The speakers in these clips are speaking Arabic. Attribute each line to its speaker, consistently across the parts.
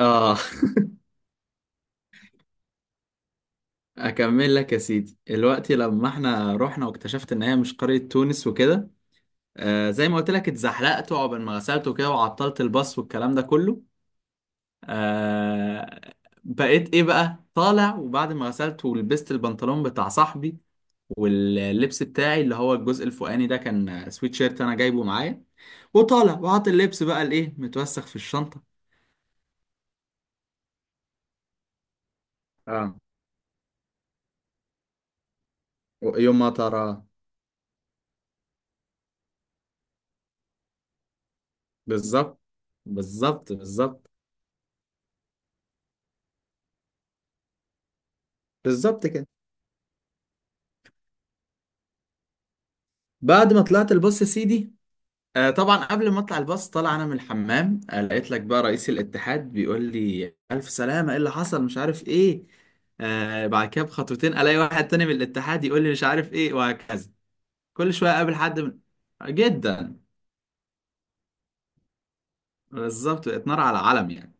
Speaker 1: اه. اكمل لك يا سيدي دلوقتي، لما احنا رحنا واكتشفت ان هي مش قرية تونس وكده. زي ما قلت لك، اتزحلقت وعقبال ما غسلت وكده، وعطلت الباص والكلام ده كله. آه بقيت ايه بقى طالع، وبعد ما غسلت ولبست البنطلون بتاع صاحبي، واللبس بتاعي اللي هو الجزء الفوقاني ده كان سويت شيرت انا جايبه معايا، وطالع وحاطط اللبس بقى الايه متوسخ في الشنطة. اه، يوم ما ترى. بالظبط. بالظبط، بالظبط، بالظبط كده. بعد ما طلعت الباص يا سيدي. طبعا، قبل ما اطلع الباص طالع انا من الحمام، لقيت لك بقى رئيس الاتحاد بيقول لي الف سلامه، ايه اللي حصل مش عارف ايه. بعد كده بخطوتين الاقي واحد تاني من الاتحاد يقول لي مش عارف ايه وهكذا. كل شويه اقابل حد. جدا. بالظبط، بقت نار على علم يعني.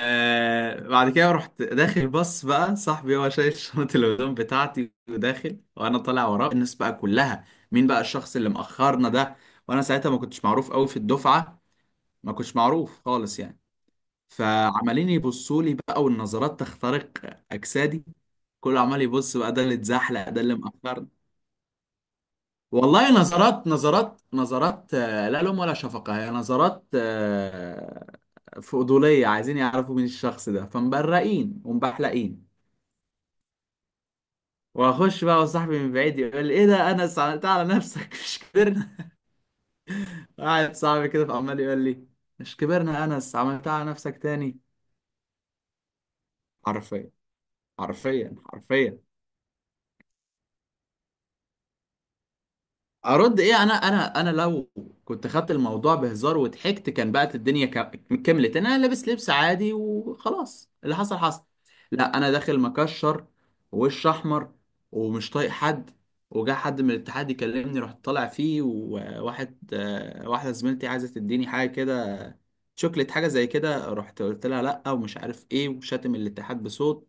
Speaker 1: بعد كده رحت داخل الباص، بقى صاحبي هو شايل شنطة الهدوم بتاعتي وداخل، وانا طالع وراه، الناس بقى كلها: مين بقى الشخص اللي مأخرنا ده؟ وانا ساعتها ما كنتش معروف قوي في الدفعة، ما كنتش معروف خالص يعني. فعمالين يبصوا لي بقى، والنظرات تخترق اجسادي، كله عمال يبص بقى: ده اللي اتزحلق، ده اللي مأخرني. والله نظرات، نظرات، نظرات، لا لوم ولا شفقة، هي نظرات فضولية، عايزين يعرفوا مين الشخص ده، فمبرقين ومبحلقين. واخش بقى، وصاحبي من بعيد يقول لي: ايه ده انس، عملتها على نفسك، مش كبرنا؟ قاعد صاحبي كده فعمال يقول لي: مش كبرنا يا انس، عملتها على نفسك تاني؟ حرفيا. حرفيا حرفيا. ارد ايه؟ انا لو كنت خدت الموضوع بهزار وضحكت، كان بقت الدنيا، كملت انا لابس لبس عادي وخلاص، اللي حصل حصل. لا، انا داخل مكشر ووش احمر ومش طايق حد. وجا حد من الاتحاد يكلمني رحت طالع فيه، وواحد آه، واحده زميلتي عايزه تديني حاجه كده، شوكليت حاجه زي كده، رحت قلت لها لا ومش عارف ايه، وشاتم الاتحاد بصوت.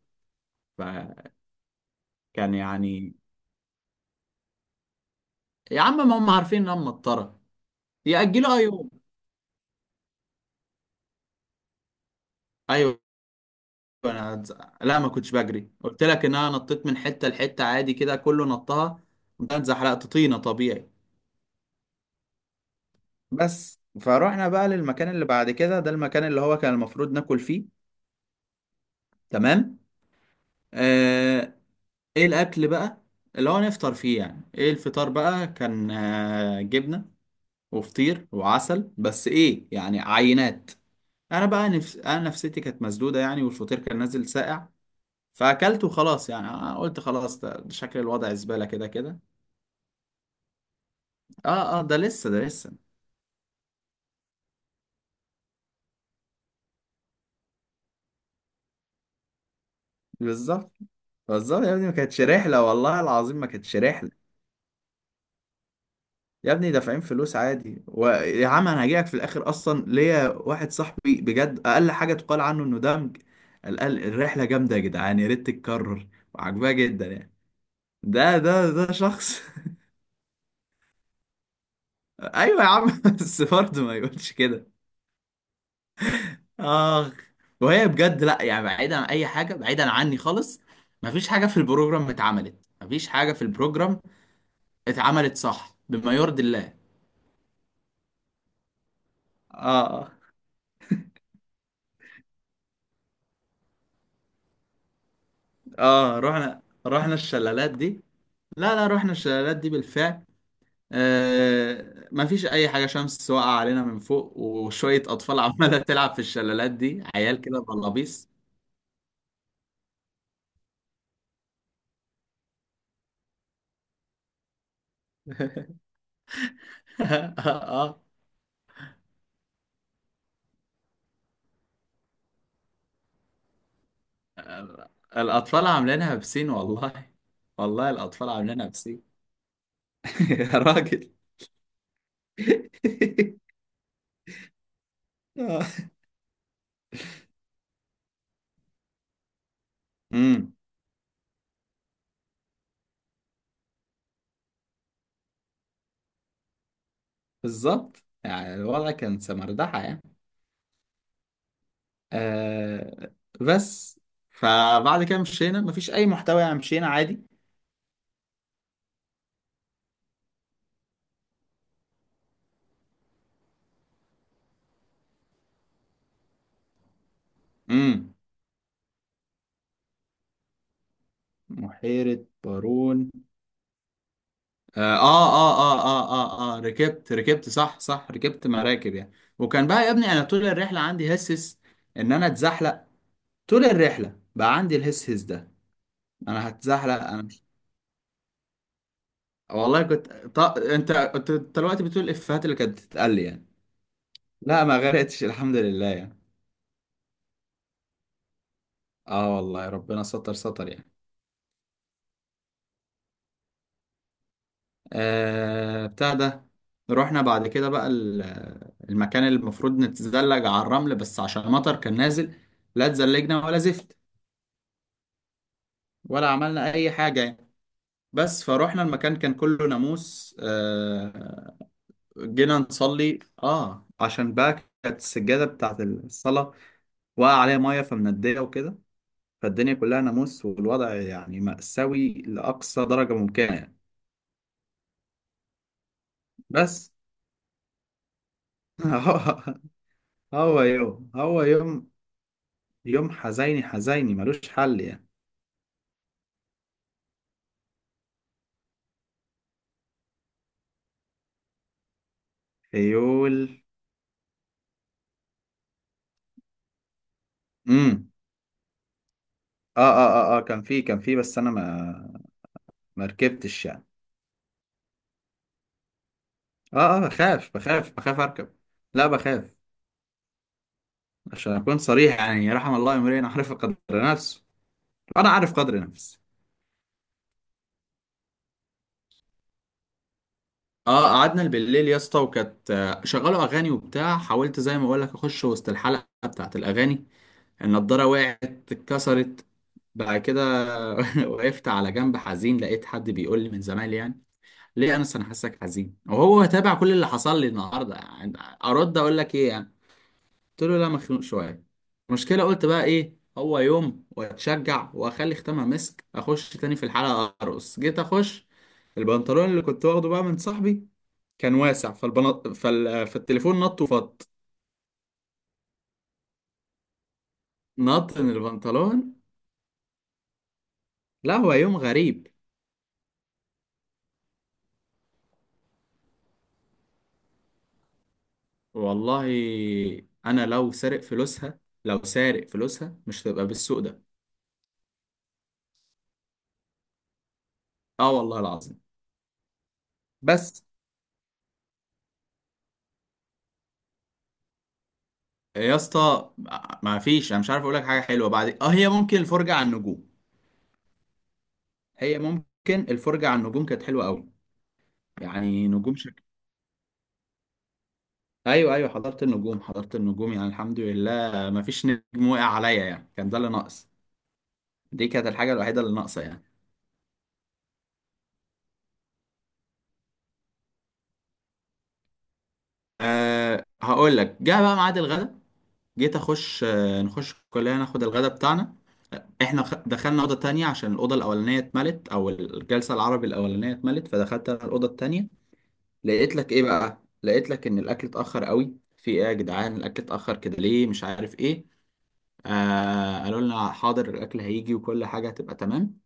Speaker 1: فكان. يعني يا عم ما هم عارفين ان انا مطره. ياجلوها يوم. ايوه. انا هتز- لا، ما كنتش بجري، قلت لك ان انا نطيت من حته لحته عادي كده، كله نطها، قمت انا اتزحلقت طينه طبيعي. بس فروحنا بقى للمكان اللي بعد كده، ده المكان اللي هو كان المفروض ناكل فيه. تمام. آه... ايه الاكل بقى اللي هو نفطر فيه يعني؟ ايه الفطار بقى؟ كان جبنه وفطير وعسل، بس ايه يعني، عينات. انا نفسيتي كانت مسدوده يعني، والفطير كان نازل ساقع، فاكلته خلاص يعني. أنا قلت خلاص، ده شكل الوضع زباله كده كده. اه اه، ده لسه، ده لسه. بالظبط. بالظبط يا ابني، ما كانتش رحلة، والله العظيم ما كانتش رحلة. يا ابني دافعين فلوس عادي، ويا عم انا هجيلك في الاخر اصلا، ليا واحد صاحبي بجد، اقل حاجة تقال عنه انه دمج، قال الرحلة جامدة يا جدعان، يا ريت تتكرر، وعجباه جدا يعني، ده شخص. ايوه يا عم. بس برضه ما يقولش كده. اخ. وهي بجد لا، يعني بعيدا عن اي حاجة بعيدا عني خالص، ما فيش حاجة في البروجرام اتعملت، ما فيش حاجة في البروجرام اتعملت صح بما يرضي الله. اه اه، رحنا الشلالات دي. لا لا، رحنا الشلالات دي بالفعل. ما فيش اي حاجه، شمس واقعه علينا من فوق، وشويه اطفال عماله تلعب في الشلالات دي، عيال كده بلابيس. اه، الاطفال عاملينها بسين والله، والله الاطفال عاملينها بسين. يا راجل. امم. بالظبط، يعني الوضع كان سمردحه يعني. آه بس، فبعد كده مشينا مفيش اي محتوى يعني، مشينا عادي. امم. بحيرة بارون. اه اه اه اه اه اه، ركبت، صح صح، ركبت مراكب يعني. وكان بقى يا ابني، انا طول الرحلة عندي هسس ان انا اتزحلق، طول الرحلة بقى عندي الهسهس ده، انا هتزحلق انا مش. والله كنت ط... انت انت أنت دلوقتي بتقول الافيهات اللي كانت بتتقال لي يعني. لا ما غرقتش، الحمد لله يعني. اه، والله ربنا ستر، ستر يعني. بتاع ده. رحنا بعد كده بقى المكان اللي المفروض نتزلج على الرمل، بس عشان مطر كان نازل لا اتزلجنا ولا زفت، ولا عملنا اي حاجة يعني. بس فروحنا المكان كان كله ناموس. جينا نصلي عشان بقى كانت السجادة بتاعت الصلاة وقع عليها مية فمندية وكده، فالدنيا كلها ناموس، والوضع يعني مأساوي لأقصى درجة ممكنة يعني. بس. هو هو يوم هو يوم، يوم حزيني حزيني ملوش حل يعني. خيول. امم. اه اه اه اه كان في، بس انا ما ركبتش يعني. اه اه، بخاف بخاف بخاف اركب. لا، بخاف. عشان اكون صريح يعني، رحم الله امرئ عرف قدر نفسه، انا عارف قدر نفسي. اه قعدنا بالليل يا اسطى، وكانت شغلوا اغاني وبتاع، حاولت زي ما بقول لك اخش وسط الحلقه بتاعت الاغاني، النضاره وقعت، اتكسرت. بعد كده، وقفت على جنب حزين، لقيت حد بيقول لي من زمان يعني: ليه يا انس، انا حاسك حزين؟ وهو تابع كل اللي حصل لي النهارده يعني. ارد اقول لك ايه يعني؟ قلت له لا، مخنوق شويه. المشكله قلت بقى، ايه هو يوم، واتشجع واخلي ختامها مسك، اخش تاني في الحلقه ارقص، جيت اخش، البنطلون اللي كنت واخده بقى من صاحبي كان واسع، فالتليفون نط وفط، نط من البنطلون. لا هو يوم غريب. والله. انا لو سارق فلوسها لو سارق فلوسها مش هتبقى بالسوء ده. اه، والله العظيم. بس يا اسطى، ما فيش، انا مش عارف اقول لك حاجه حلوه، بعد هي ممكن الفرجه على النجوم، هي ممكن الفرجه على النجوم كانت حلوه قوي يعني، نجوم. ايوه ايوه حضرت النجوم، حضرت النجوم يعني، الحمد لله ما فيش نجم وقع عليا يعني، كان ده اللي ناقص، دي كانت الحاجه الوحيده اللي ناقصه يعني. هقول لك جه بقى ميعاد الغدا. جيت اخش آه، نخش كلنا ناخد الغدا بتاعنا. احنا دخلنا اوضه تانية عشان الاوضه الاولانيه اتملت، او الجلسه العربي الاولانيه اتملت، فدخلت أنا الاوضه التانية. لقيت لك ايه بقى، لقيت لك ان الاكل اتاخر قوي، في ايه يا جدعان الاكل اتاخر كده ليه مش عارف ايه. قالوا لنا حاضر، الاكل هيجي وكل حاجه هتبقى تمام.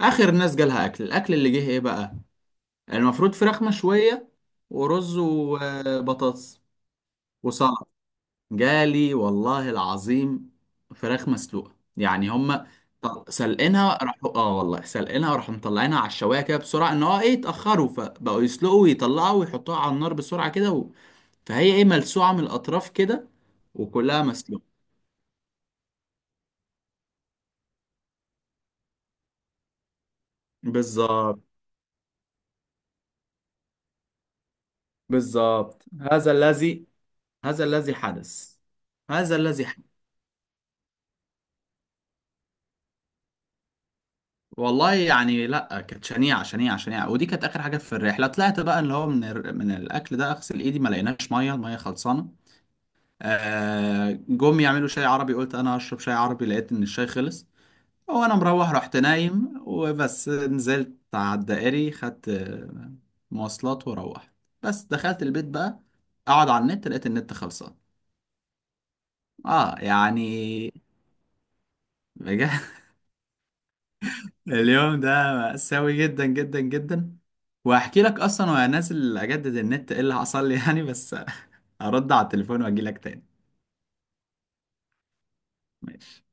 Speaker 1: اخر الناس جالها اكل، الاكل اللي جه ايه بقى؟ المفروض فراخ مشويه ورز وبطاطس وسلطه. جالي والله العظيم فراخ مسلوقه يعني، هم سلقينها راحوا، اه والله سلقينها راحوا مطلعينها على الشوايه كده بسرعه، ان هو ايه، اتاخروا فبقوا يسلقوا ويطلعوا ويحطوها على النار بسرعه كده، فهي ايه ملسوعة من الأطراف كده، وكلها مسلوقة. بالظبط. بالظبط هذا الذي حدث، هذا الذي حدث. والله يعني لا، كانت شنيعة شنيعة شنيعة، ودي كانت آخر حاجة في الرحلة طلعت بقى، اللي هو من الأكل ده، أغسل إيدي ما لقيناش مية، المية خلصانة. جم يعملوا شاي عربي، قلت أنا هشرب شاي عربي، لقيت إن الشاي خلص. وانا مروح رحت نايم، وبس نزلت على الدائري خدت مواصلات وروحت، بس دخلت البيت بقى اقعد على النت لقيت النت خلصان. اه يعني، بجد. اليوم ده مأساوي جدا جدا جدا. وهحكي لك اصلا وانا نازل اجدد النت ايه اللي حصل لي يعني، بس. هرد على التليفون واجي لك تاني. ماشي.